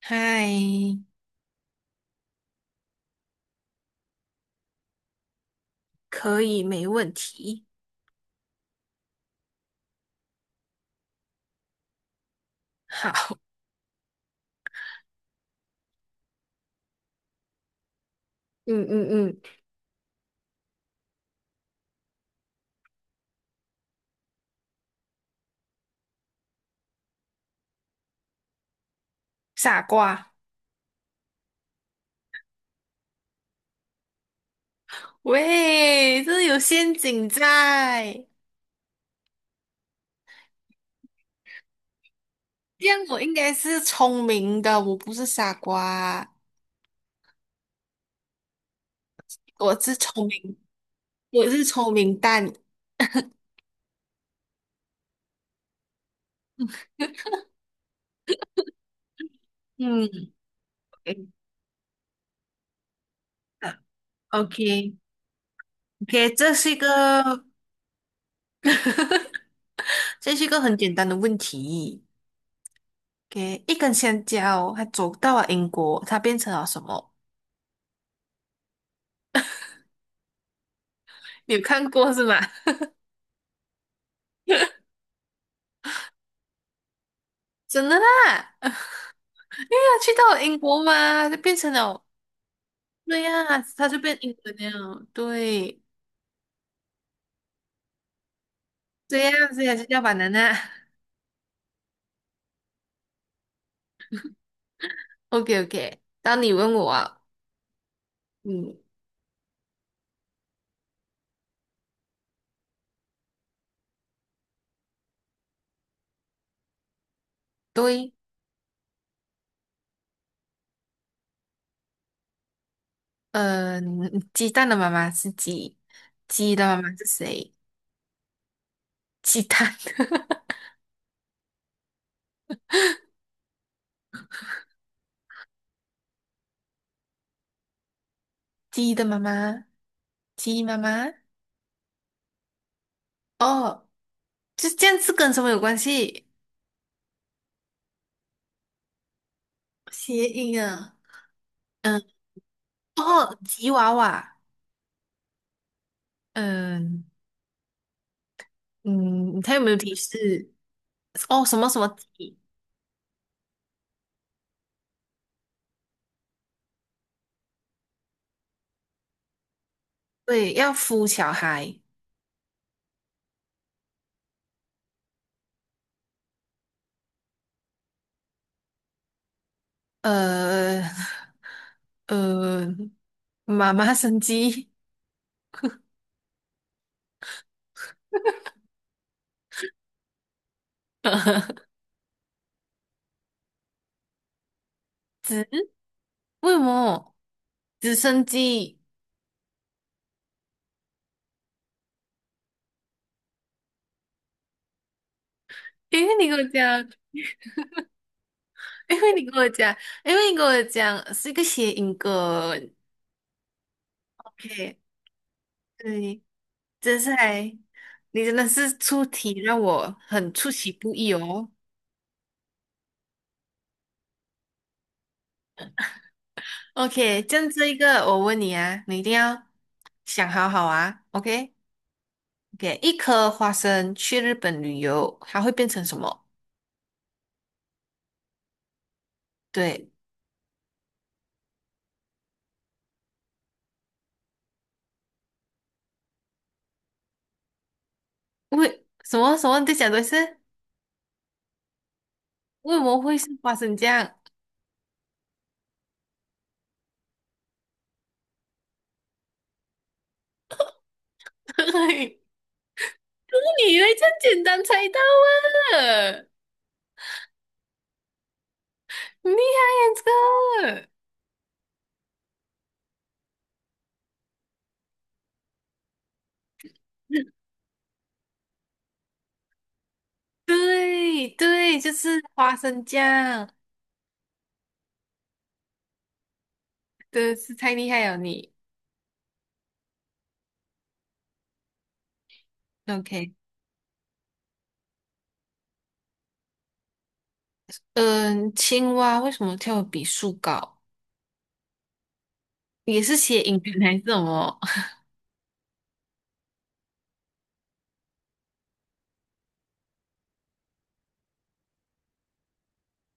嗨，可以，没问题。好 嗯嗯嗯，傻瓜，喂，这有陷阱在。这样我应该是聪明的，我不是傻瓜，我是聪明，我是聪明蛋。嗯，OK，OK，这是一个，这是一个很简单的问题。o 一根香蕉，它走到了英国，它变成了什么？你有看过是吗？真的啦。他去到了英国嘛，就变成了对呀、他就变英国人了。对，这样就叫 b a n。 OK， OK，当你问我啊。嗯，对，呃，鸡蛋的妈妈是鸡，鸡的妈妈是谁？鸡蛋，鸡的妈妈，鸡妈妈。哦，就这样是跟什么有关系？谐音啊，嗯，哦，吉娃娃，嗯嗯，他有没有提示？哦，什么什么吉？对，要孵小孩，呃呃，妈妈生鸡，子为什么直升机？因为你跟我讲，因为你跟我讲，因为你跟我讲是一个谐音梗。OK，对，真是还，你真的是出题让我很出其不意哦。OK，这样这一个我问你啊，你一定要想好好啊。OK。给一颗花生去日本旅游，它会变成什么？对，为什么什么？你在讲的是为什么会是花生酱？嘿你以为这样简单猜到啊？厉害呀，这个！对对，就是花生酱，真的是太厉害了你。OK，嗯，青蛙为什么跳得比树高？也是写音梗还是什么？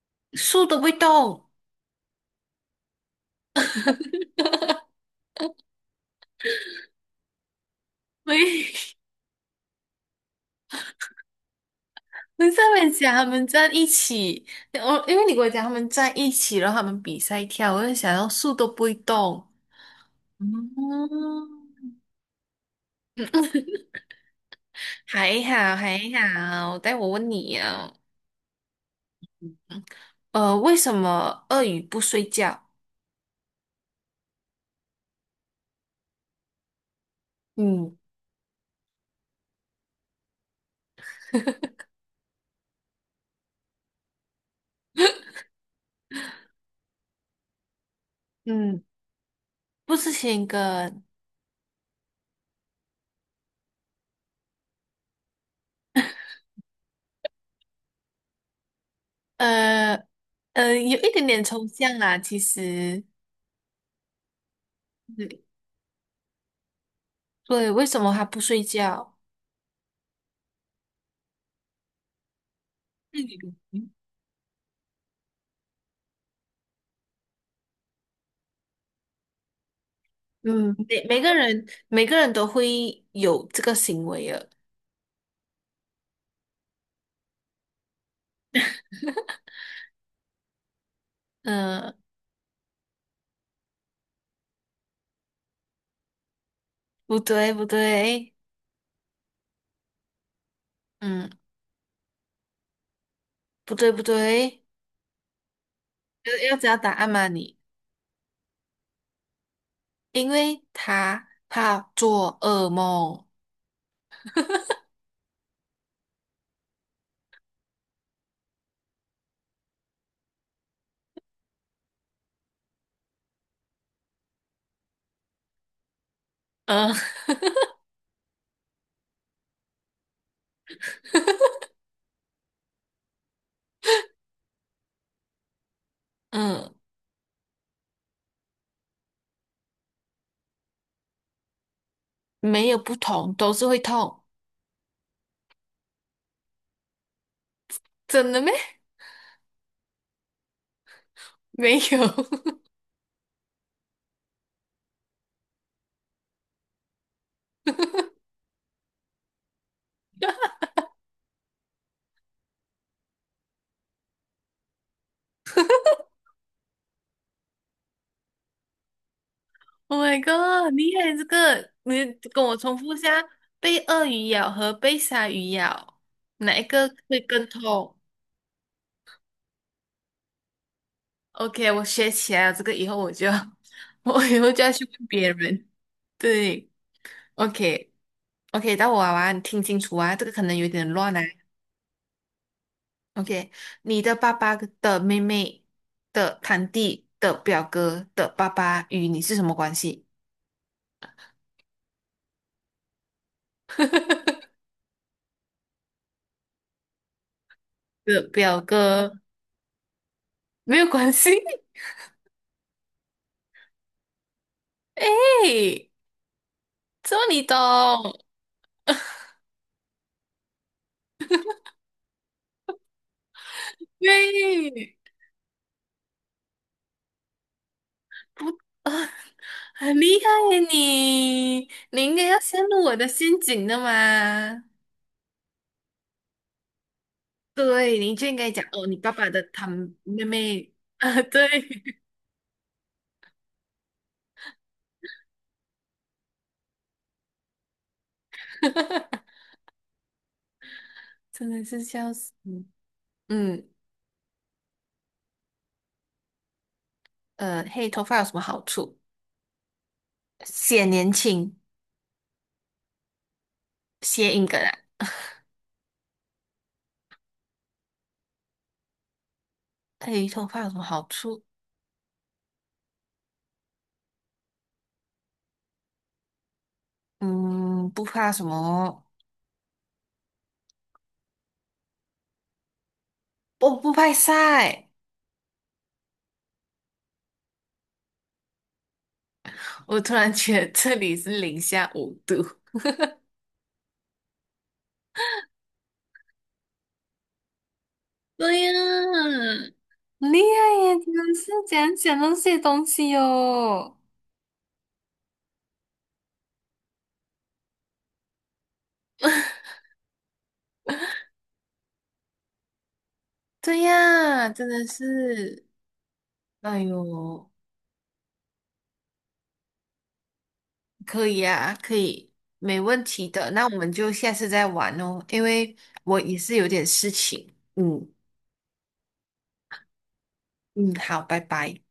树都不会动。对，你在美讲他们站一起，我因为你跟我讲他们站一起，然后他们比赛跳，我就想要树都不会动。嗯，还好还好，待我问你啊，为什么鳄鱼不睡觉？嗯嗯，不吃先跟，呃有一点点抽象啦，其实，对，对，为什么它不睡觉？鳄鱼嗯，每个人都会有这个行为的。嗯，不对，不对，嗯，不对，不对，要知道答案吗你？因为他怕做噩梦，嗯 嗯，没有不同，都是会痛，真的咩？没有 ，Oh my god，厉害这个，你跟我重复一下，被鳄鱼咬和被鲨鱼咬，哪一个会更痛？OK，我学起来了，这个以后我就 我以后就要去问别人，对，OK。OK，到我娃娃，你听清楚啊，这个可能有点乱啊。OK，你的爸爸的妹妹的堂弟的表哥的爸爸与你是什么关系？的表哥没有关系。哎，这么你懂？对，不啊，很厉害呀你！你应该要陷入我的陷阱的嘛？对，你就应该讲哦，你爸爸的堂妹妹啊，对。真的是笑死。嗯，嗯黑头发有什么好处？显年轻，谐音梗啊。黑头发有什么好处？嗯，不怕什么？我不怕晒。我突然觉得这里是零下5度。对呀，很厉害耶！真的是怎样那些东西哟、对呀，真的是，哎呦，可以啊，可以，没问题的。那我们就下次再玩哦，因为我也是有点事情。嗯嗯，好，拜拜。